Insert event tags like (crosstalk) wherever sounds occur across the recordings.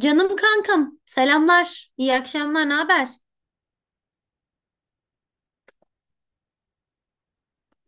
Canım kankam, selamlar, iyi akşamlar, ne haber?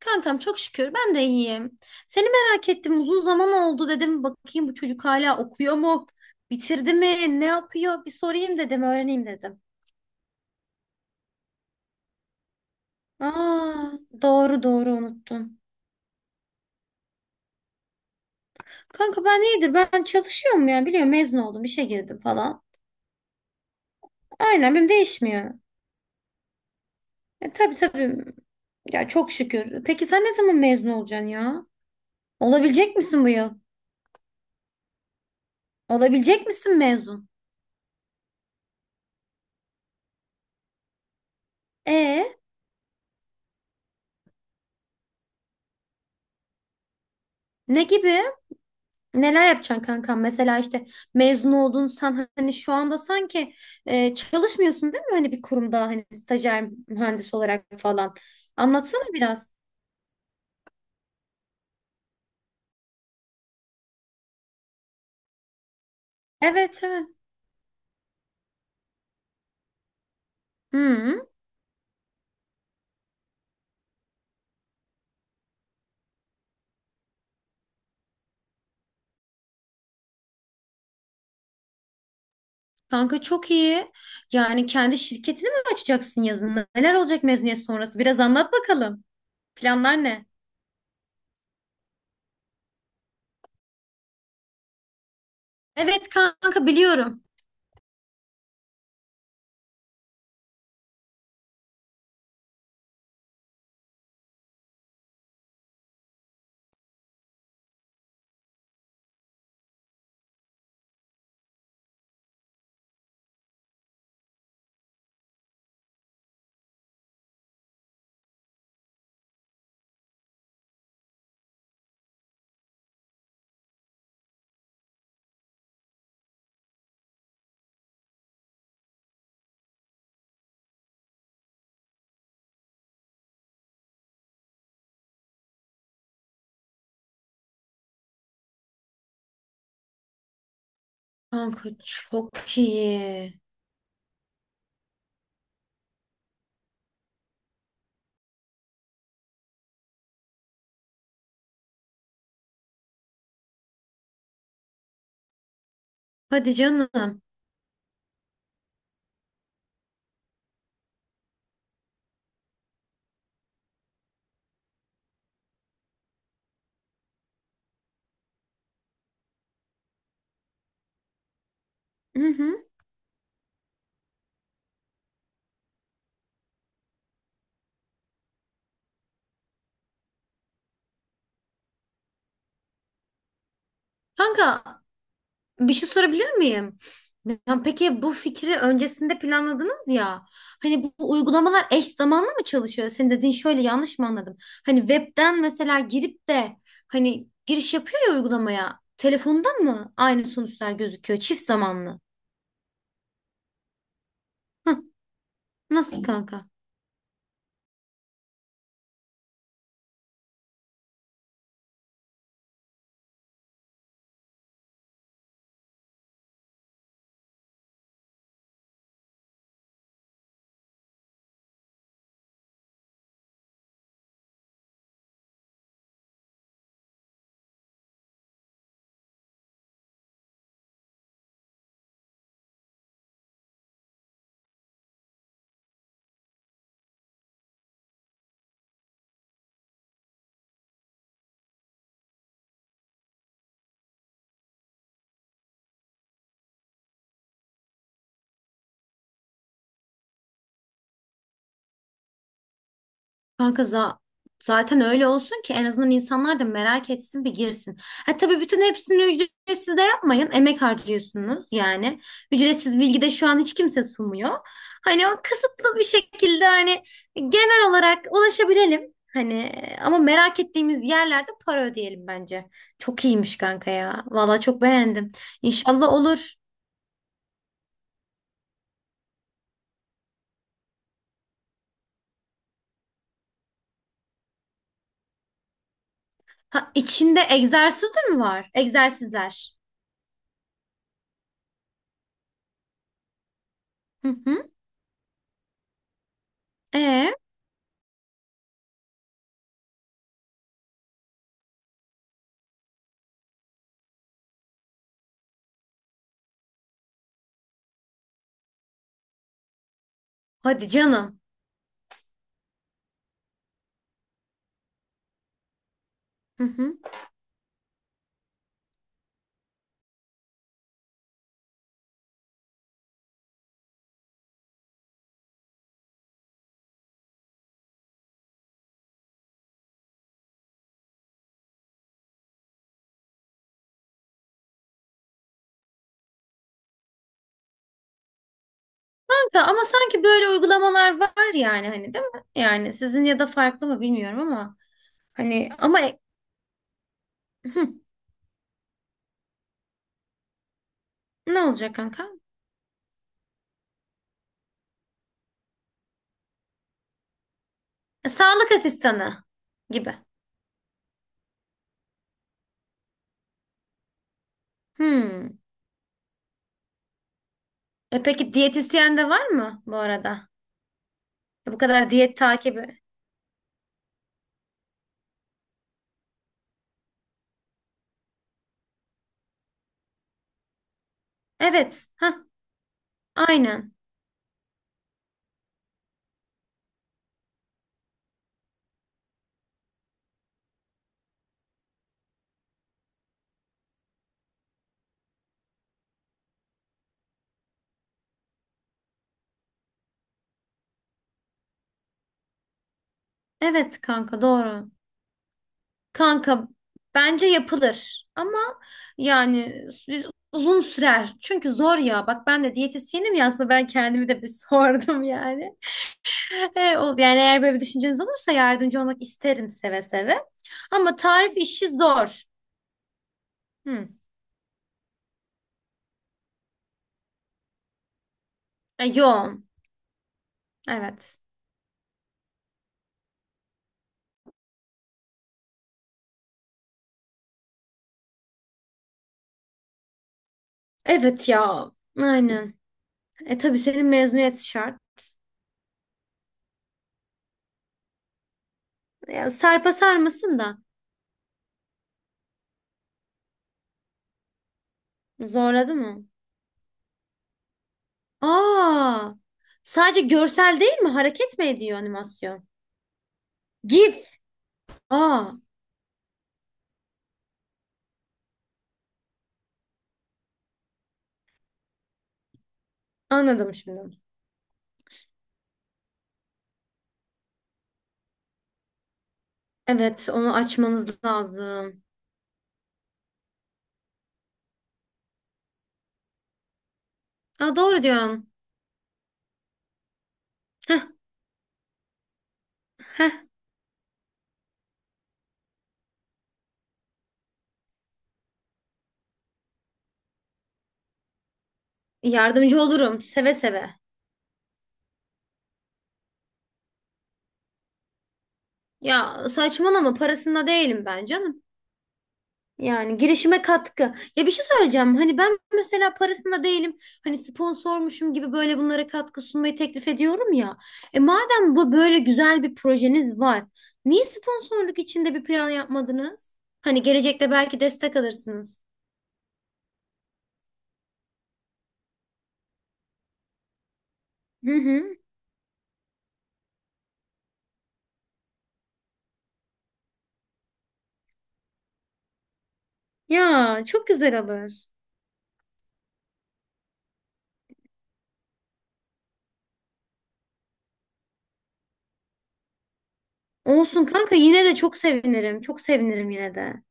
Kankam çok şükür ben de iyiyim. Seni merak ettim, uzun zaman oldu dedim. Bakayım bu çocuk hala okuyor mu? Bitirdi mi? Ne yapıyor? Bir sorayım dedim, öğreneyim dedim. Aa, doğru doğru unuttum. Kanka ben iyidir, ben çalışıyorum ya biliyorum mezun oldum, işe girdim falan. Aynen benim değişmiyor. E, tabii tabii. Ya çok şükür. Peki sen ne zaman mezun olacaksın ya? Olabilecek misin bu yıl? Olabilecek misin mezun? E, ne gibi? Neler yapacaksın kankam? Mesela işte mezun oldun sen hani şu anda sanki çalışmıyorsun değil mi? Hani bir kurumda hani stajyer mühendis olarak falan. Anlatsana biraz. Evet, evet. Hı, kanka çok iyi. Yani kendi şirketini mi açacaksın yazın? Neler olacak mezuniyet sonrası? Biraz anlat bakalım. Planlar ne? Evet kanka, biliyorum. Kanka çok iyi. Hadi canım. Hı hı. Kanka, bir şey sorabilir miyim? Ya peki bu fikri öncesinde planladınız ya. Hani bu uygulamalar eş zamanlı mı çalışıyor? Senin dediğin şöyle, yanlış mı anladım? Hani webden mesela girip de hani giriş yapıyor ya uygulamaya. Telefonda mı aynı sonuçlar gözüküyor? Çift zamanlı. Hah, nasıl kanka? Kanka zaten öyle olsun ki en azından insanlar da merak etsin, bir girsin. Ha tabii, bütün hepsini ücretsiz de yapmayın. Emek harcıyorsunuz yani. Ücretsiz bilgi de şu an hiç kimse sunmuyor. Hani o kısıtlı bir şekilde hani genel olarak ulaşabilelim. Hani ama merak ettiğimiz yerlerde para ödeyelim bence. Çok iyiymiş kanka ya. Valla çok beğendim. İnşallah olur. Ha, içinde egzersiz de mi var? Egzersizler. Hı hı. E, hadi canım. Hı hı. Ama sanki böyle uygulamalar var yani, hani değil mi? Yani sizin, ya da farklı mı bilmiyorum ama hani Hı, ne olacak kanka? E, sağlık asistanı gibi. Hmm. E, peki diyetisyen de var mı bu arada? E, bu kadar diyet takibi. Evet. Ha, aynen. Evet kanka, doğru. Kanka, bence yapılır ama yani biz uzun sürer. Çünkü zor ya. Bak ben de diyetisyenim ya, aslında ben kendimi de bir (laughs) sordum yani. E, yani eğer böyle bir düşünceniz olursa yardımcı olmak isterim seve seve. Ama tarif işi zor. Hı. E, yoğun. Evet. Evet ya. Aynen. E tabii, senin mezuniyet şart. Ya, sarpa sarmasın da. Zorladı mı? Aa. Sadece görsel değil mi? Hareket mi ediyor animasyon? GIF. Aa. Anladım şimdi. Evet, onu açmanız lazım. Aa, doğru diyorsun. Heh, heh. Yardımcı olurum seve seve. Ya saçmalama, parasında değilim ben canım. Yani girişime katkı. Ya bir şey söyleyeceğim. Hani ben mesela parasında değilim. Hani sponsormuşum gibi böyle bunlara katkı sunmayı teklif ediyorum ya. E madem bu böyle güzel bir projeniz var. Niye sponsorluk içinde bir plan yapmadınız? Hani gelecekte belki destek alırsınız. Hı hı. Ya çok güzel olur. Olsun kanka, yine de çok sevinirim. Çok sevinirim yine de.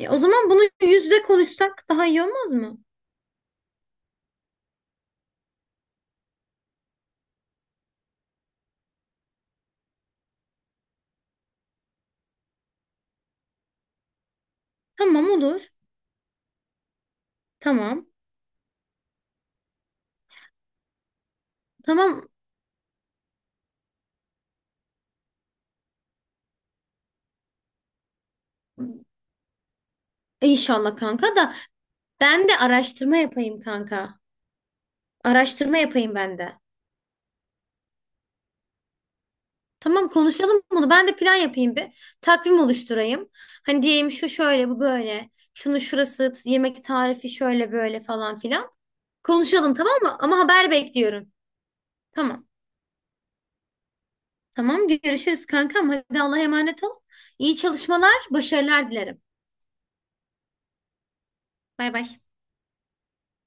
E, o zaman bunu yüz yüze konuşsak daha iyi olmaz mı? Tamam, olur. Tamam. Tamam inşallah kanka, da ben de araştırma yapayım kanka. Araştırma yapayım ben de. Tamam, konuşalım bunu. Ben de plan yapayım bir. Takvim oluşturayım. Hani diyeyim şu şöyle bu böyle. Şunu şurası yemek tarifi şöyle böyle falan filan. Konuşalım tamam mı? Ama haber bekliyorum. Tamam. Tamam görüşürüz kankam. Hadi Allah'a emanet ol. İyi çalışmalar, başarılar dilerim. Bay bay.